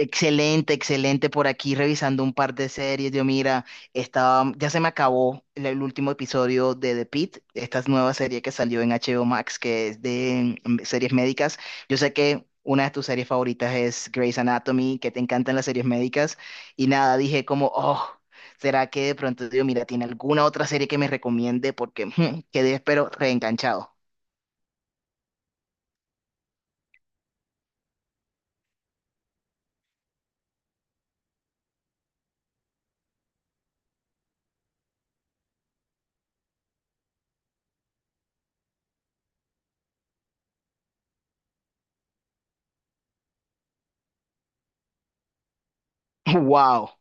Excelente, excelente. Por aquí revisando un par de series. Yo, mira, estaba, ya se me acabó el último episodio de The Pitt, esta nueva serie que salió en HBO Max, que es de series médicas. Yo sé que una de tus series favoritas es Grey's Anatomy, que te encantan las series médicas. Y nada, dije como, oh, ¿será que de pronto, digo, mira, tiene alguna otra serie que me recomiende? Porque quedé, pero reenganchado. ¡Wow!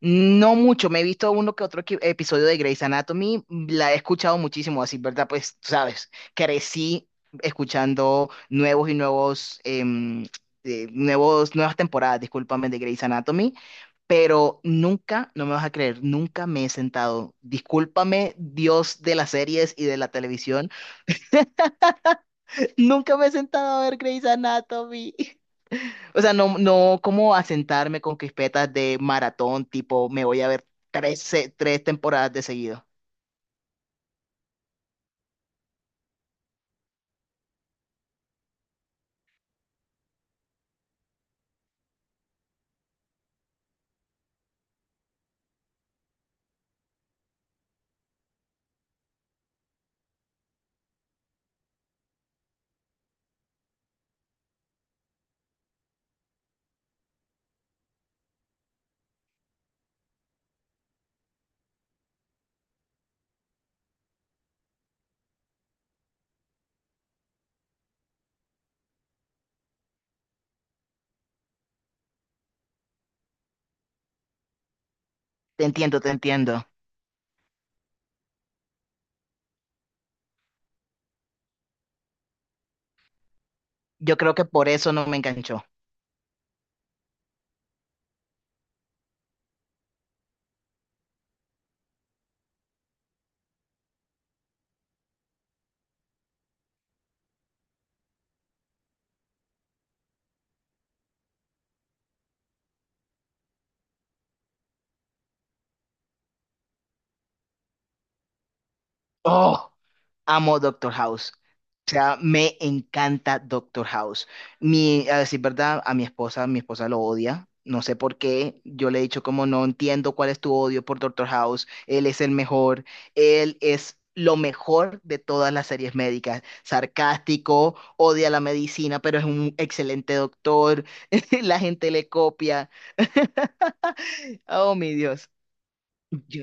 No mucho, me he visto uno que otro episodio de Grey's Anatomy, la he escuchado muchísimo, así, ¿verdad? Pues, tú sabes, crecí escuchando nuevos y nuevos, nuevas temporadas, discúlpame, de Grey's Anatomy, pero nunca, no me vas a creer, nunca me he sentado, discúlpame, Dios de las series y de la televisión, nunca me he sentado a ver Grey's Anatomy. O sea, no, no como asentarme con crispetas de maratón, tipo, me voy a ver tres temporadas de seguido. Te entiendo, te entiendo. Yo creo que por eso no me enganchó. Oh, amo Doctor House. O sea, me encanta Doctor House. Mi, a decir verdad, a mi esposa lo odia. No sé por qué. Yo le he dicho como no entiendo cuál es tu odio por Doctor House. Él es el mejor. Él es lo mejor de todas las series médicas. Sarcástico, odia la medicina, pero es un excelente doctor. La gente le copia. Oh, mi Dios. Yo,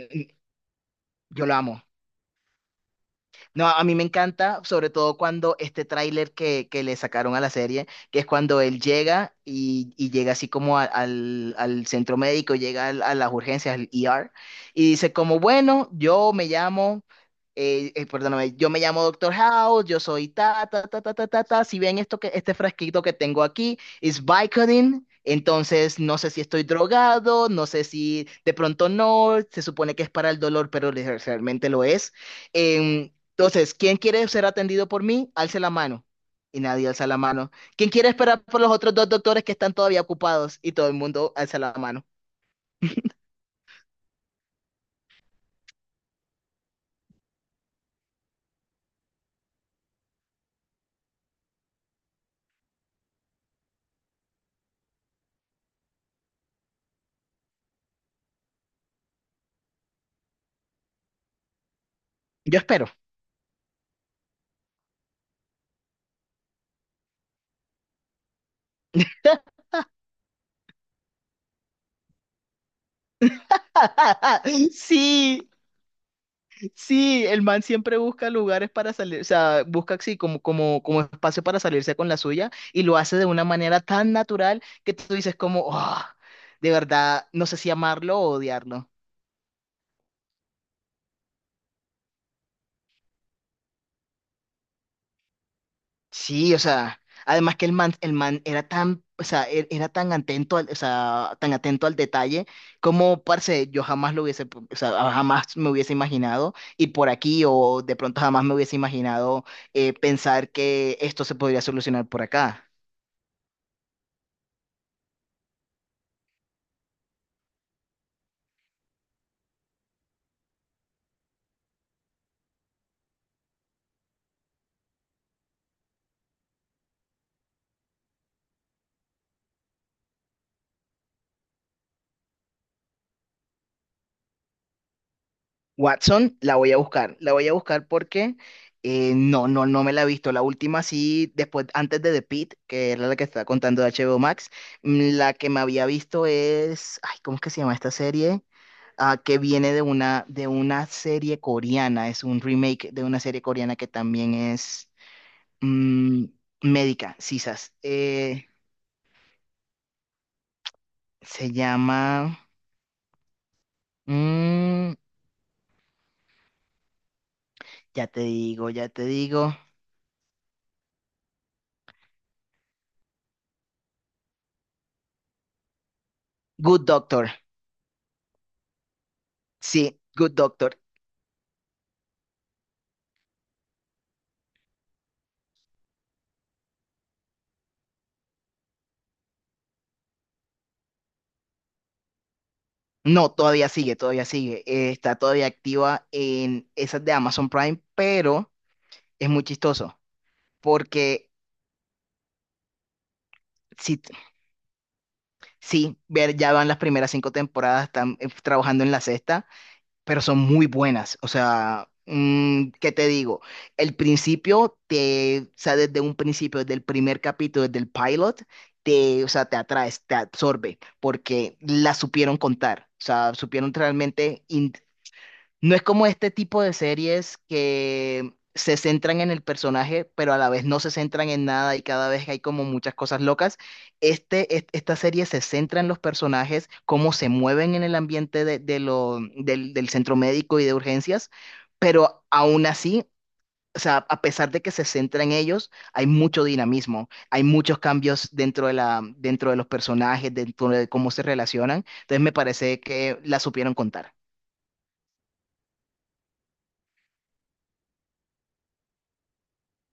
yo lo amo. No, a mí me encanta, sobre todo cuando este tráiler que le sacaron a la serie, que es cuando él llega y llega así como al centro médico, a las urgencias, al ER, y dice como, bueno, yo me llamo, perdóname, yo me llamo Doctor House, yo soy ta, ta, ta, ta, ta, ta, ta, si ven esto que, este frasquito que tengo aquí, es Vicodin. Entonces, no sé si estoy drogado, no sé si de pronto no, se supone que es para el dolor, pero realmente lo es. Em, entonces, ¿quién quiere ser atendido por mí? Alce la mano. Y nadie alza la mano. ¿Quién quiere esperar por los otros dos doctores que están todavía ocupados? Y todo el mundo alza la mano. Yo espero. Sí, sí, el man siempre busca lugares para salir, o sea, busca así como, como espacio para salirse con la suya y lo hace de una manera tan natural que tú dices como, "Ah, de verdad, no sé si amarlo o odiarlo. Sí, o sea, además que el man era tan, o sea, era tan atento al, o sea, tan atento al detalle, como, parce, yo jamás lo hubiese, o sea, jamás me hubiese imaginado ir por aquí o de pronto jamás me hubiese imaginado pensar que esto se podría solucionar por acá. Watson, la voy a buscar, la voy a buscar porque no me la he visto. La última sí, después, antes de The Pitt, que era la que estaba contando de HBO Max, la que me había visto es, ay, ¿cómo es que se llama esta serie? Ah, que viene de una serie coreana, es un remake de una serie coreana que también es mm, médica, sisas. Se llama, mm, ya te digo, Good Doctor, sí, Good Doctor. No, todavía sigue, está todavía activa en esas de Amazon Prime, pero es muy chistoso porque... Sí, sí, ver, ya van las primeras cinco temporadas, están trabajando en la sexta, pero son muy buenas. O sea, ¿qué te digo? El principio te, o sea, desde un principio, desde el primer capítulo, desde el pilot, te, o sea, te atraes, te absorbe, porque la supieron contar. O sea, supieron realmente no es como este tipo de series que se centran en el personaje, pero a la vez no se centran en nada y cada vez hay como muchas cosas locas. Esta serie se centra en los personajes, cómo se mueven en el ambiente del centro médico y de urgencias, pero aún así, o sea, a pesar de que se centra en ellos, hay mucho dinamismo, hay muchos cambios dentro de la, dentro de los personajes, dentro de cómo se relacionan. Entonces me parece que la supieron contar.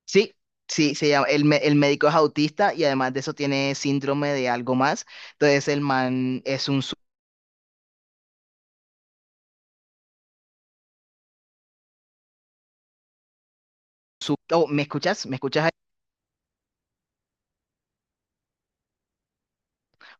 Sí, sí, se llama, el médico es autista y además de eso tiene síndrome de algo más. Entonces el man es un... Oh, ¿me escuchas? ¿Me escuchas?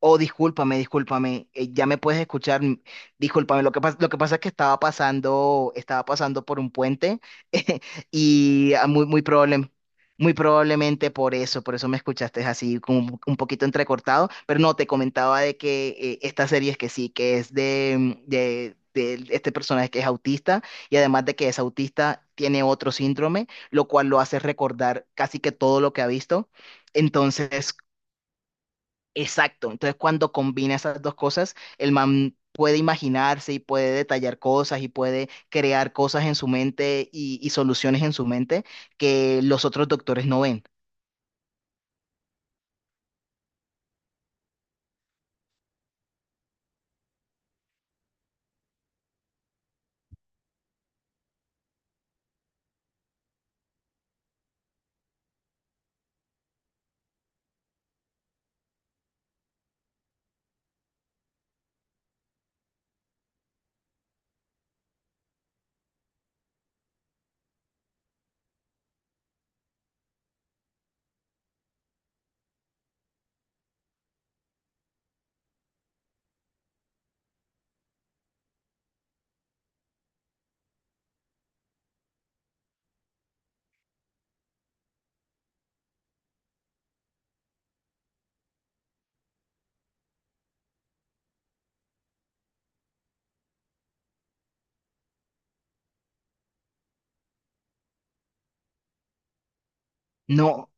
Oh, discúlpame, discúlpame, ya me puedes escuchar. Discúlpame, lo que pasa es que estaba pasando por un puente. Y ah, muy probablemente por eso me escuchaste así como un poquito entrecortado, pero no, te comentaba de que esta serie es que sí, que es de, de este personaje que es autista y además de que es autista, tiene otro síndrome, lo cual lo hace recordar casi que todo lo que ha visto. Entonces, exacto. Entonces, cuando combina esas dos cosas, el man puede imaginarse y puede detallar cosas y puede crear cosas en su mente y soluciones en su mente que los otros doctores no ven. No,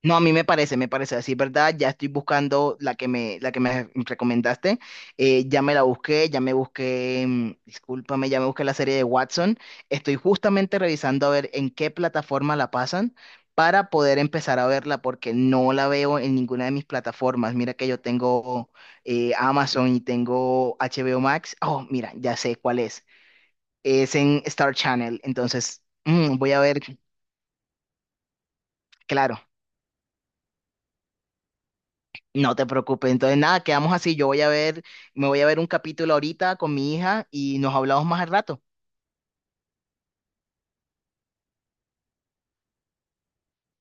no, a mí me parece así, ¿verdad? Ya estoy buscando la que me recomendaste. Ya me la busqué, ya me busqué, discúlpame, ya me busqué la serie de Watson. Estoy justamente revisando a ver en qué plataforma la pasan para poder empezar a verla, porque no la veo en ninguna de mis plataformas. Mira que yo tengo Amazon y tengo HBO Max. Oh, mira, ya sé cuál es. Es en Star Channel, entonces voy a ver, claro. No te preocupes. Entonces, nada, quedamos así. Yo voy a ver, me voy a ver un capítulo ahorita con mi hija y nos hablamos más al rato.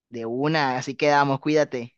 De una, así quedamos, cuídate.